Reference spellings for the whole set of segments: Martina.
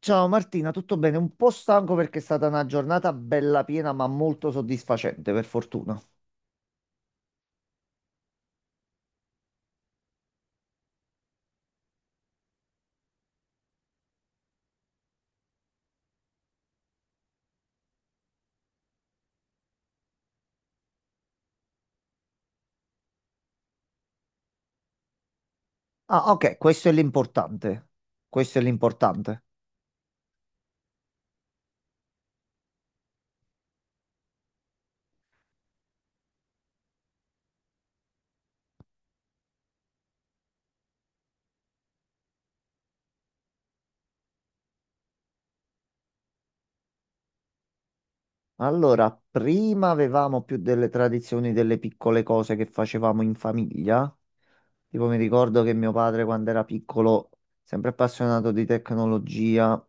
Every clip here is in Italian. Ciao Martina, tutto bene? Un po' stanco perché è stata una giornata bella piena, ma molto soddisfacente, per fortuna. Ah, ok, questo è l'importante. Questo è l'importante. Allora, prima avevamo più delle tradizioni, delle piccole cose che facevamo in famiglia. Tipo, mi ricordo che mio padre, quando era piccolo, sempre appassionato di tecnologia,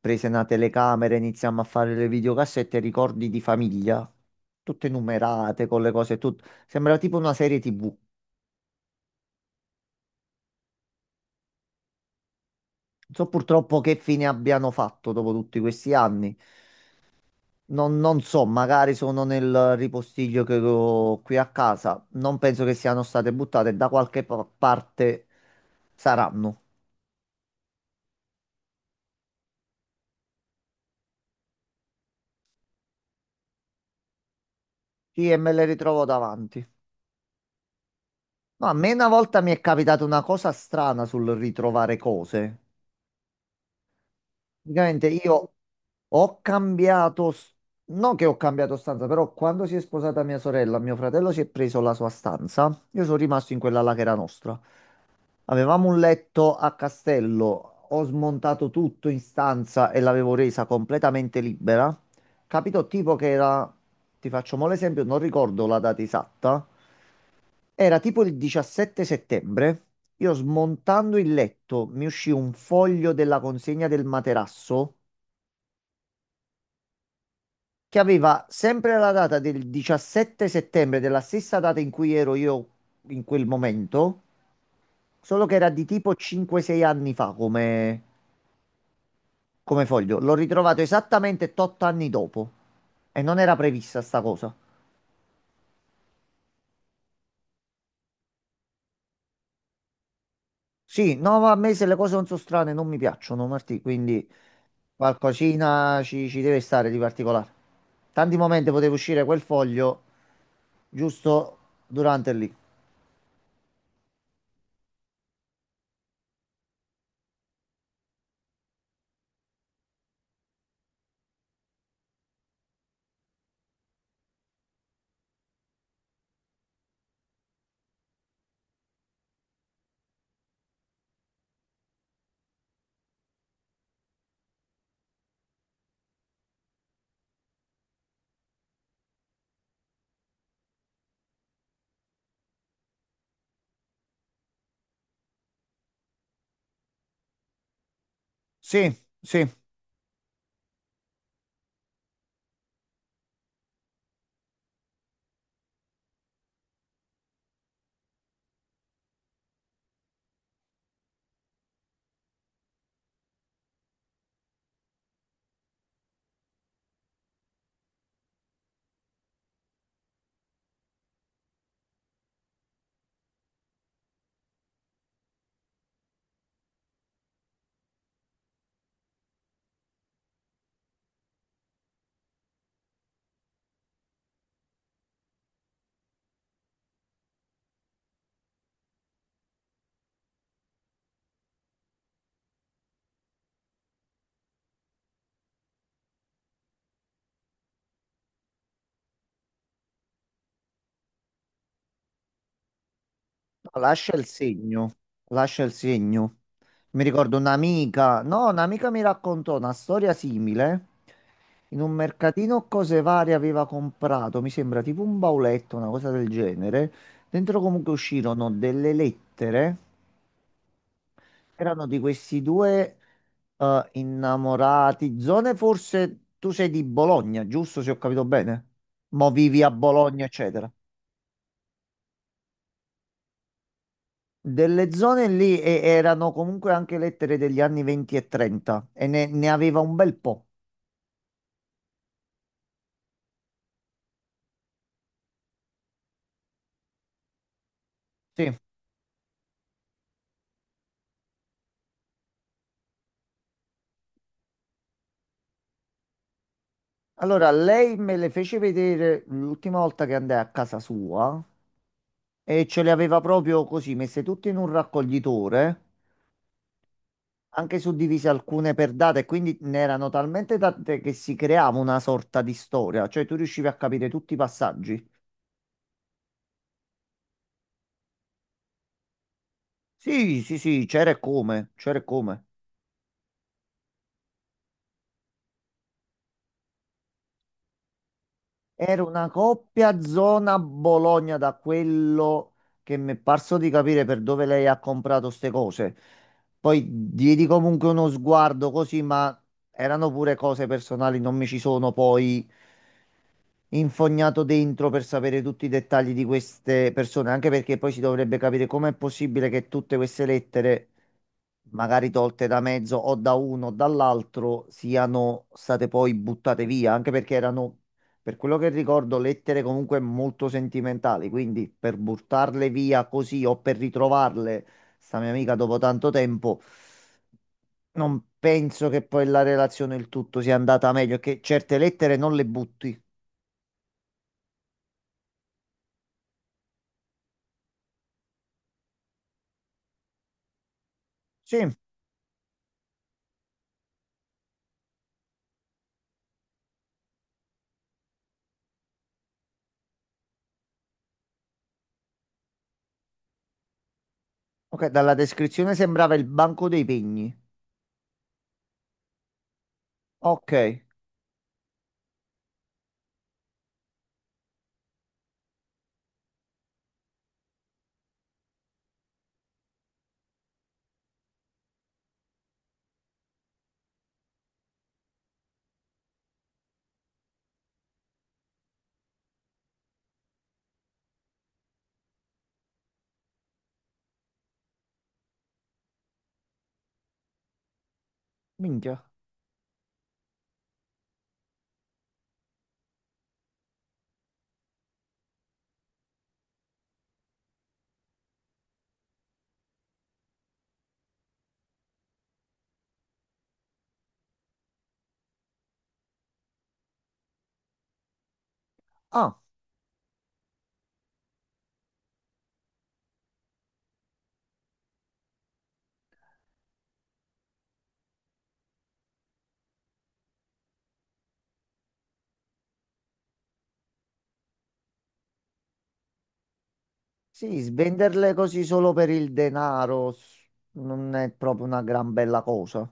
prese una telecamera, iniziamo a fare le videocassette, ricordi di famiglia, tutte numerate con le cose, sembrava tipo una serie TV. Non so purtroppo che fine abbiano fatto dopo tutti questi anni. Non so, magari sono nel ripostiglio che ho qui a casa. Non penso che siano state buttate, da qualche parte saranno. Sì, e me le ritrovo davanti. No, a me una volta mi è capitata una cosa strana sul ritrovare cose. Praticamente io ho non che ho cambiato stanza, però quando si è sposata mia sorella, mio fratello si è preso la sua stanza. Io sono rimasto in quella là che era nostra. Avevamo un letto a castello, ho smontato tutto in stanza e l'avevo resa completamente libera. Capito tipo che era, ti faccio mo' l'esempio, non ricordo la data esatta, era tipo il 17 settembre. Io smontando il letto mi uscì un foglio della consegna del materasso che aveva sempre la data del 17 settembre, della stessa data in cui ero io in quel momento, solo che era di tipo 5-6 anni fa come foglio. L'ho ritrovato esattamente 8 anni dopo e non era prevista sta cosa. Sì, no, ma a me se le cose non sono strane non mi piacciono, Martì, quindi qualcosina ci deve stare di particolare. Tanti momenti poteva uscire quel foglio giusto durante lì. Sì, sì. No, lascia il segno, lascia il segno. Mi ricordo un'amica, no, un'amica mi raccontò una storia simile. In un mercatino cose varie aveva comprato, mi sembra tipo un bauletto, una cosa del genere. Dentro comunque uscirono delle lettere. Erano di questi due innamorati. Zone forse tu sei di Bologna, giusto se ho capito bene? Mo vivi a Bologna, eccetera. Delle zone lì erano comunque anche lettere degli anni 20 e 30 e ne aveva un bel po'. Sì. Allora, lei me le fece vedere l'ultima volta che andai a casa sua e ce le aveva proprio così, messe tutte in un raccoglitore, anche suddivise alcune per date, quindi ne erano talmente tante che si creava una sorta di storia, cioè tu riuscivi a capire tutti i passaggi. Sì, sì, sì, c'era e come, c'era e come. Era una coppia zona Bologna da quello che mi è parso di capire per dove lei ha comprato ste cose. Poi diedi comunque uno sguardo così, ma erano pure cose personali, non mi ci sono poi infognato dentro per sapere tutti i dettagli di queste persone, anche perché poi si dovrebbe capire com'è possibile che tutte queste lettere magari tolte da mezzo o da uno o dall'altro, siano state poi buttate via, anche perché erano, per quello che ricordo, lettere comunque molto sentimentali, quindi per buttarle via così o per ritrovarle, sta mia amica dopo tanto tempo, non penso che poi la relazione, il tutto sia andata meglio, che certe lettere non le butti. Sì, ok, dalla descrizione sembrava il banco dei pegni. Ok, minchia. Ah. Sì, svenderle così solo per il denaro non è proprio una gran bella cosa.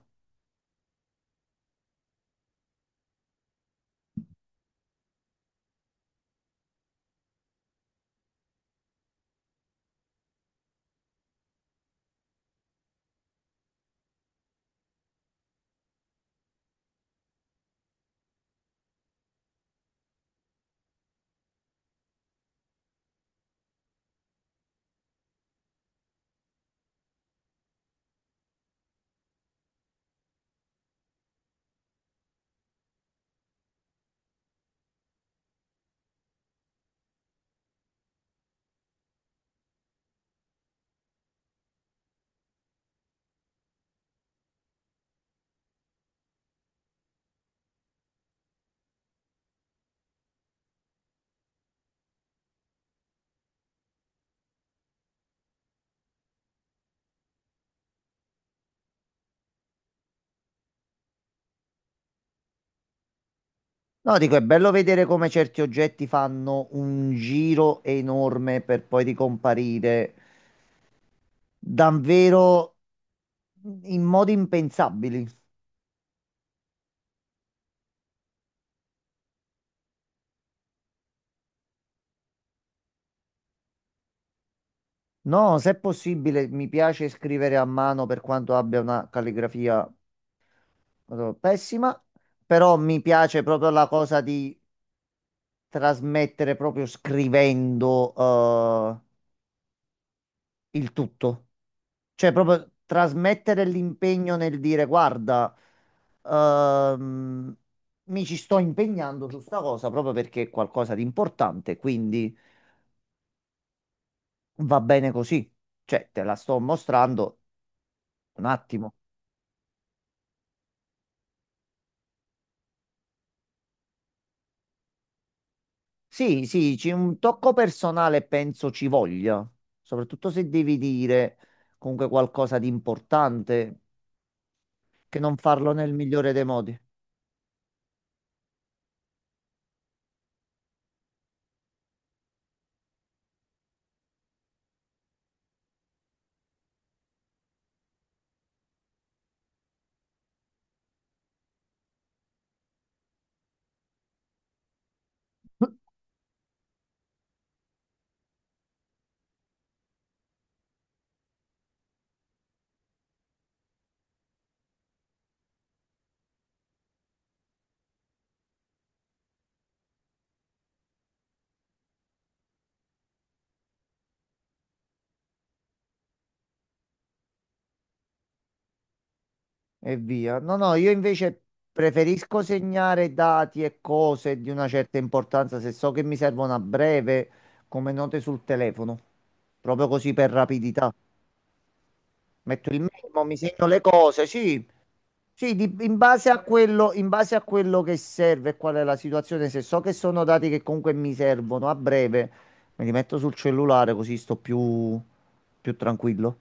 No, dico, è bello vedere come certi oggetti fanno un giro enorme per poi ricomparire davvero in modi impensabili. No, se è possibile, mi piace scrivere a mano per quanto abbia una calligrafia pessima, però mi piace proprio la cosa di trasmettere proprio scrivendo il tutto. Cioè, proprio trasmettere l'impegno nel dire, guarda, ehm, mi ci sto impegnando su sta cosa proprio perché è qualcosa di importante, quindi va bene così. Cioè, te la sto mostrando un attimo. Sì, sì, c'è un tocco personale, penso ci voglia, soprattutto se devi dire comunque qualcosa di importante, che non farlo nel migliore dei modi. E via. No, no, io invece preferisco segnare dati e cose di una certa importanza se so che mi servono a breve come note sul telefono, proprio così per rapidità. Metto il memo, mi segno le cose, sì, sì, in base a quello, in base a quello che serve e qual è la situazione, se so che sono dati che comunque mi servono a breve, me li metto sul cellulare così sto più tranquillo.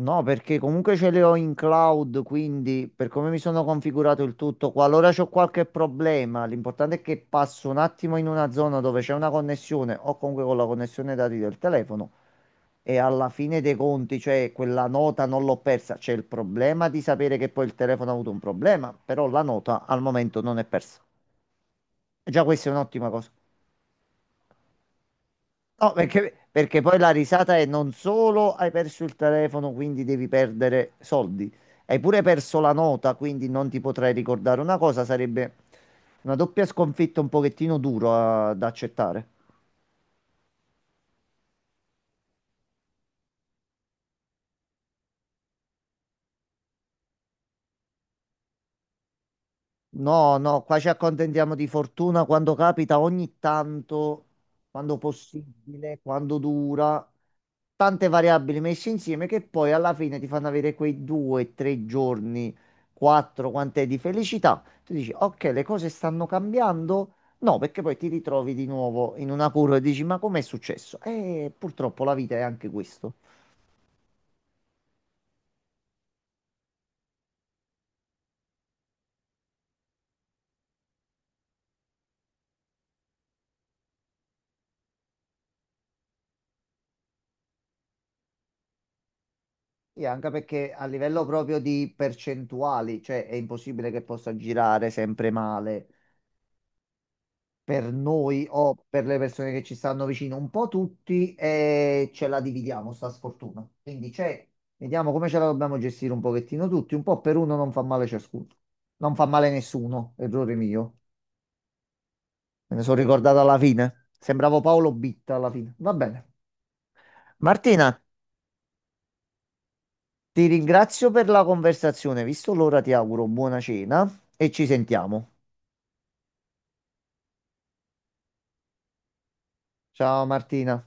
No, perché comunque ce le ho in cloud, quindi per come mi sono configurato il tutto, qualora c'ho qualche problema, l'importante è che passo un attimo in una zona dove c'è una connessione o comunque con la connessione dati del telefono e alla fine dei conti, cioè quella nota non l'ho persa. C'è il problema di sapere che poi il telefono ha avuto un problema, però la nota al momento non è persa. E già questa è un'ottima cosa. No, perché poi la risata è non solo hai perso il telefono, quindi devi perdere soldi, hai pure perso la nota, quindi non ti potrai ricordare. Una cosa sarebbe una doppia sconfitta un pochettino dura da accettare. No, no, qua ci accontentiamo di fortuna quando capita, ogni tanto, quando possibile, quando dura, tante variabili messe insieme che poi alla fine ti fanno avere quei due, tre giorni, quattro, quant'è di felicità. Tu dici, ok, le cose stanno cambiando. No, perché poi ti ritrovi di nuovo in una curva e dici, ma com'è successo? E purtroppo la vita è anche questo. Sì, anche perché a livello proprio di percentuali, cioè è impossibile che possa girare sempre male. Per noi o per le persone che ci stanno vicino, un po' tutti e ce la dividiamo, sta sfortuna. Quindi c'è, vediamo come ce la dobbiamo gestire un pochettino tutti, un po' per uno non fa male ciascuno. Non fa male nessuno, errore mio. Me ne sono ricordato alla fine. Sembravo Paolo Bitta alla fine. Va bene. Martina, ti ringrazio per la conversazione. Visto l'ora, ti auguro buona cena e ci sentiamo. Ciao Martina.